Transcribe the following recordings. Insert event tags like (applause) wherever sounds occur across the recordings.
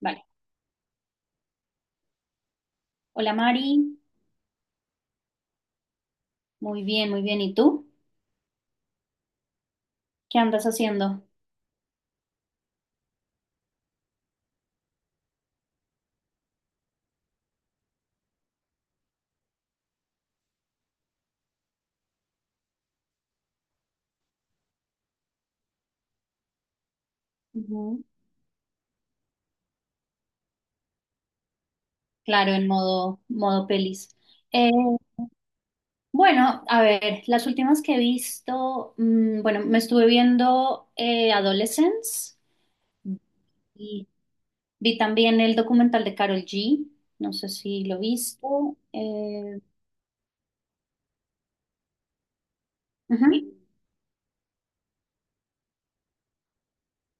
Vale. Hola Mari, muy bien, muy bien. ¿Y tú? ¿Qué andas haciendo? Ujú. Claro, en modo, modo pelis. Eh, bueno, a ver, las últimas que he visto, bueno, me estuve viendo Adolescence y vi también el documental de Carol G. No sé si lo viste. Eh, ujú.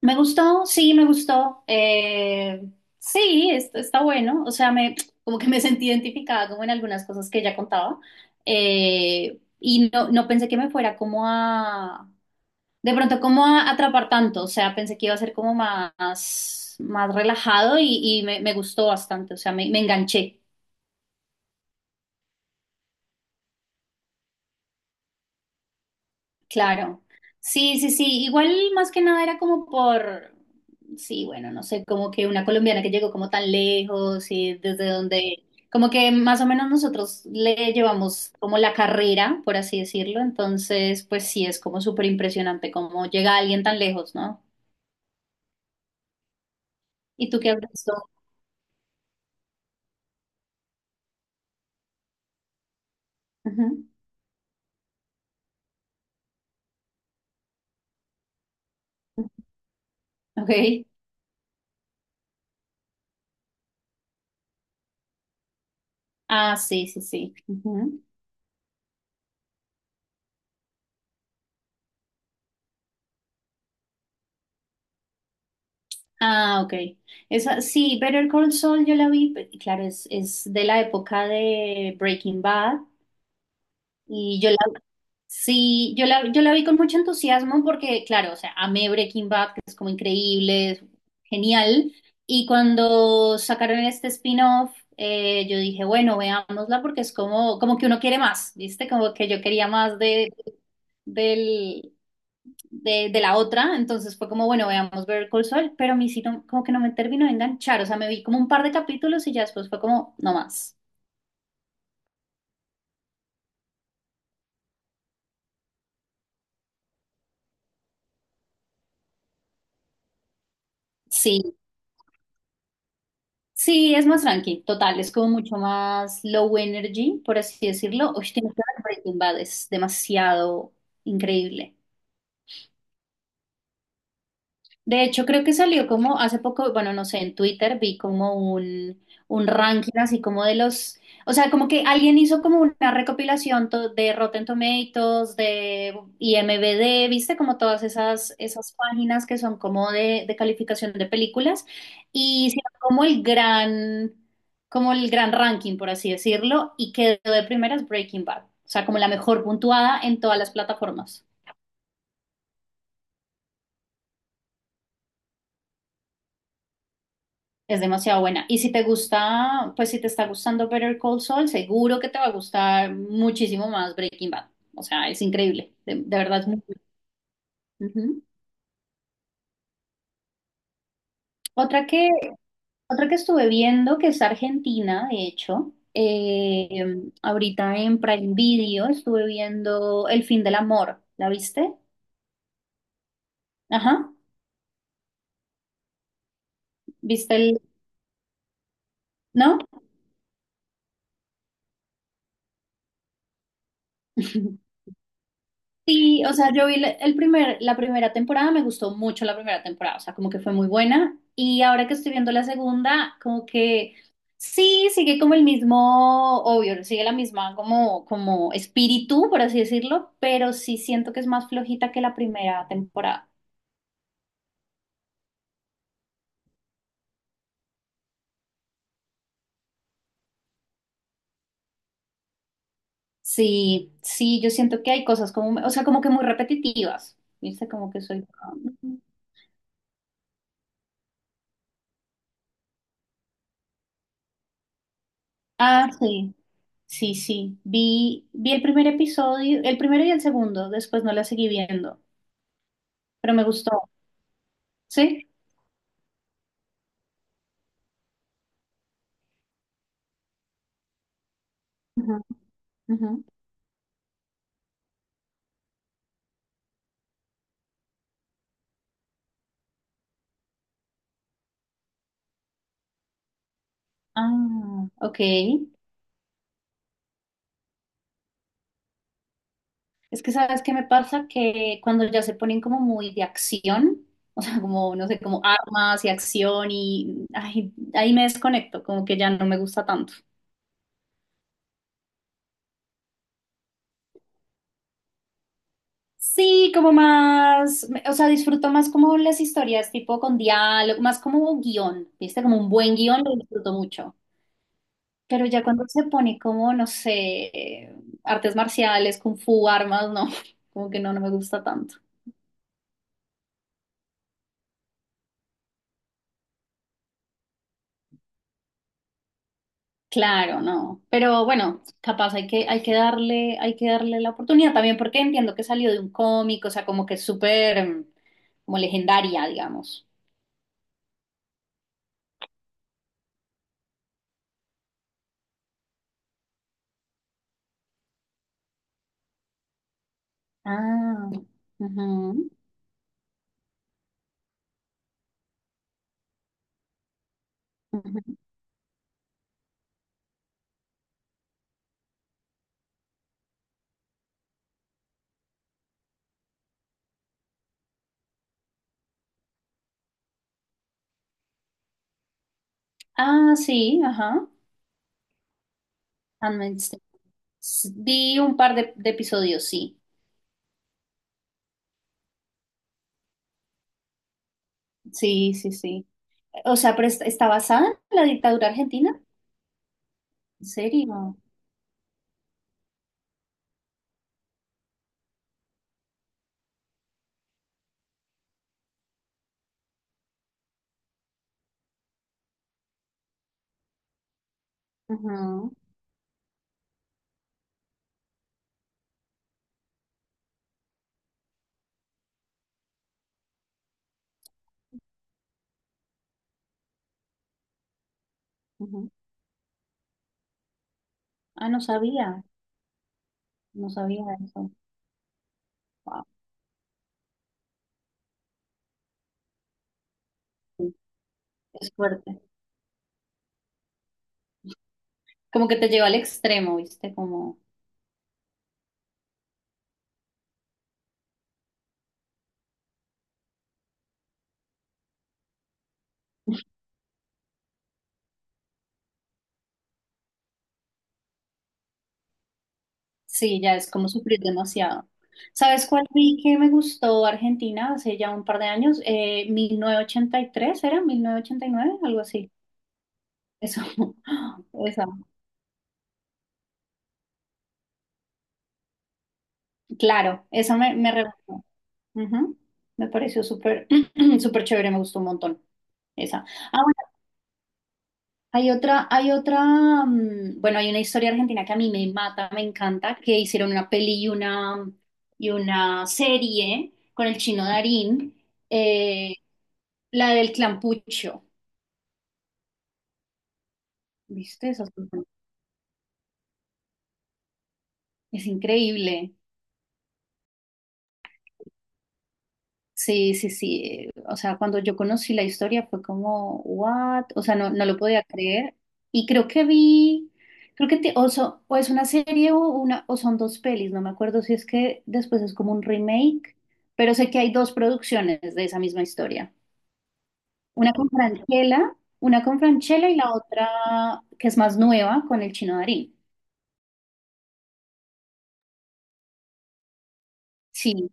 Me gustó, sí, me gustó. Sí, está bueno. O sea, me, como que me sentí identificada como en algunas cosas que ella contaba. Y no, no pensé que me fuera como a, de pronto como a atrapar tanto. O sea, pensé que iba a ser como más, más relajado y me gustó bastante. O sea, me enganché. Claro. Sí, sí, sí. Igual más que nada era como por, sí, bueno, no sé, como que una colombiana que llegó como tan lejos y desde donde, como que más o menos nosotros le llevamos como la carrera, por así decirlo. Entonces, pues sí, es como súper impresionante cómo llega alguien tan lejos, ¿no? ¿Y tú qué has visto? Ujú. Ok. Ah, sí, sí, sí. Ujú. Ah, ok. Esa, sí, Better Call Saul yo la vi, claro, es de la época de Breaking Bad. Y yo la, sí, yo la vi con mucho entusiasmo porque, claro, o sea, amé Breaking Bad, que es como increíble, es genial. Y cuando sacaron este spin-off, yo dije, bueno, veámosla porque es como, como que uno quiere más, ¿viste? Como que yo quería más del, de la otra. Entonces fue como, bueno, veamos Better Call Saul, pero a mí sí como que no me terminó de enganchar. O sea, me vi como un par de capítulos y ya después fue como, no más. Sí. Sí, es más tranqui, total, es como mucho más low energy, por así decirlo. Oye, tienes que ver Breaking Bad, es demasiado increíble. De hecho, creo que salió como hace poco, bueno, no sé, en Twitter vi como un ranking así como de los, o sea, como que alguien hizo como una recopilación de Rotten Tomatoes, de IMDb, viste como todas esas, esas páginas que son como de calificación de películas y hicieron como el gran ranking, por así decirlo, y quedó de primeras Breaking Bad, o sea, como la mejor puntuada en todas las plataformas. Es demasiado buena. Y si te gusta, pues si te está gustando Better Call Saul, seguro que te va a gustar muchísimo más Breaking Bad. O sea, es increíble. De verdad es muy buena. Ujú. Otra que, otra que estuve viendo, que es argentina, de hecho, ahorita en Prime Video estuve viendo El fin del amor. ¿La viste? Ajá. ¿Viste el...? ¿No? (laughs) Sí, o sea, yo vi el primer, la primera temporada, me gustó mucho la primera temporada, o sea, como que fue muy buena. Y ahora que estoy viendo la segunda, como que sí, sigue como el mismo, obvio, sigue la misma como, como espíritu, por así decirlo, pero sí siento que es más flojita que la primera temporada. Sí, sí, yo siento que hay cosas como, o sea, como que muy repetitivas, ¿viste? Como que soy... Ah, sí, sí, sí. Vi el primer episodio, el primero y el segundo, después no la seguí viendo, pero me gustó. ¿Sí? Ujú, ujú. Ah, ok. Es que sabes qué me pasa que cuando ya se ponen como muy de acción, (laughs) o sea, como, no sé, como armas y acción y ay, ahí me desconecto, como que ya no me gusta tanto. Sí, como más, o sea, disfruto más como las historias tipo con diálogo, más como guión, ¿viste? Como un buen guión lo disfruto mucho. Pero ya cuando se pone como, no sé, artes marciales, kung fu, armas, no, (laughs) como que no, no me gusta tanto. Claro, no. Pero bueno, capaz hay que darle la oportunidad también porque entiendo que salió de un cómic, o sea, como que es súper, como legendaria, digamos. Ah, ujú, ujú. Ah, sí, ajá. Handmaid's Tale. Vi un par de episodios, sí. Sí, sí, sí. O sea, pero ¿está basada en la dictadura argentina? ¿En serio? Ujú, ujú. Ah, no sabía, no sabía eso. Wow, sí, es fuerte. Como que te lleva al extremo, ¿viste? Como, sí, ya es como sufrir demasiado. ¿Sabes cuál vi que me gustó Argentina hace ya un par de años? 1983, ¿era? 1989, algo así. Eso, (laughs) esa, claro, esa me, me re gustó. Ujú. Me pareció súper, (clears throat) súper chévere, me gustó un montón. Esa. Ah, hay otra, bueno, hay una historia argentina que a mí me mata, me encanta, que hicieron una peli y una serie con el chino Darín, eh, la del Clampucho. ¿Viste? Esa es increíble. Sí, sí, sí. O sea, cuando yo conocí la historia fue como, what? O sea, no, no lo podía creer. Y creo que vi, creo que o, o es una serie o una, o son dos pelis, no me acuerdo si es que después es como un remake, pero sé que hay dos producciones de esa misma historia. Una con Franchella y la otra que es más nueva con el Chino Darín. Sí,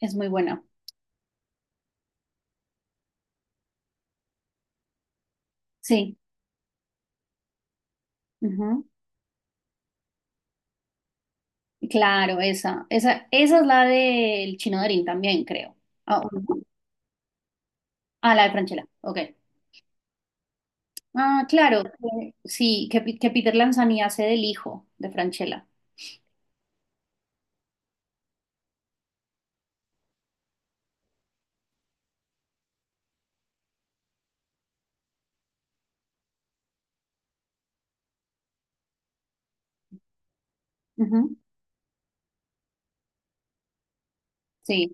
es muy buena. Sí. Claro, esa es la del Chino Darín también, creo. Ah, ¿o no? Ah, la de Franchella, ok. Ah, claro, sí, que, que Peter Lanzani hace del hijo de Franchella. Ujú, sí,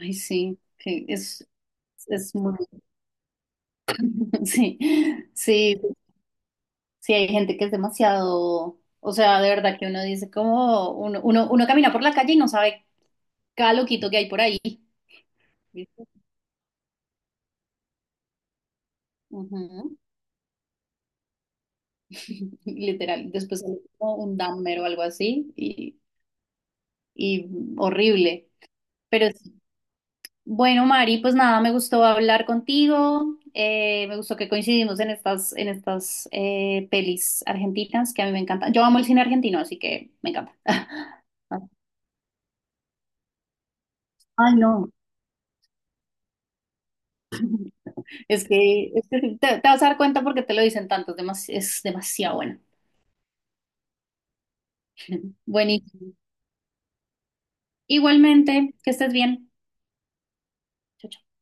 ay, sí, que es muy, (laughs) sí, sí, sí, hay gente que es demasiado, o sea, de verdad que uno dice como, uno camina por la calle y no sabe cada loquito que hay por ahí. ¿Viste? Ujú, (laughs) literal, después sale como un damero o algo así y horrible. Pero sí, bueno, Mari, pues nada, me gustó hablar contigo, me gustó que coincidimos en en estas pelis argentinas que a mí me encantan. Yo amo el cine argentino, así que me encanta. (laughs) Ay, no, es que sí, te vas a dar cuenta porque te lo dicen tanto, es, es demasiado buena. (laughs) Buenísimo. Igualmente, que estés bien. Chao, chao.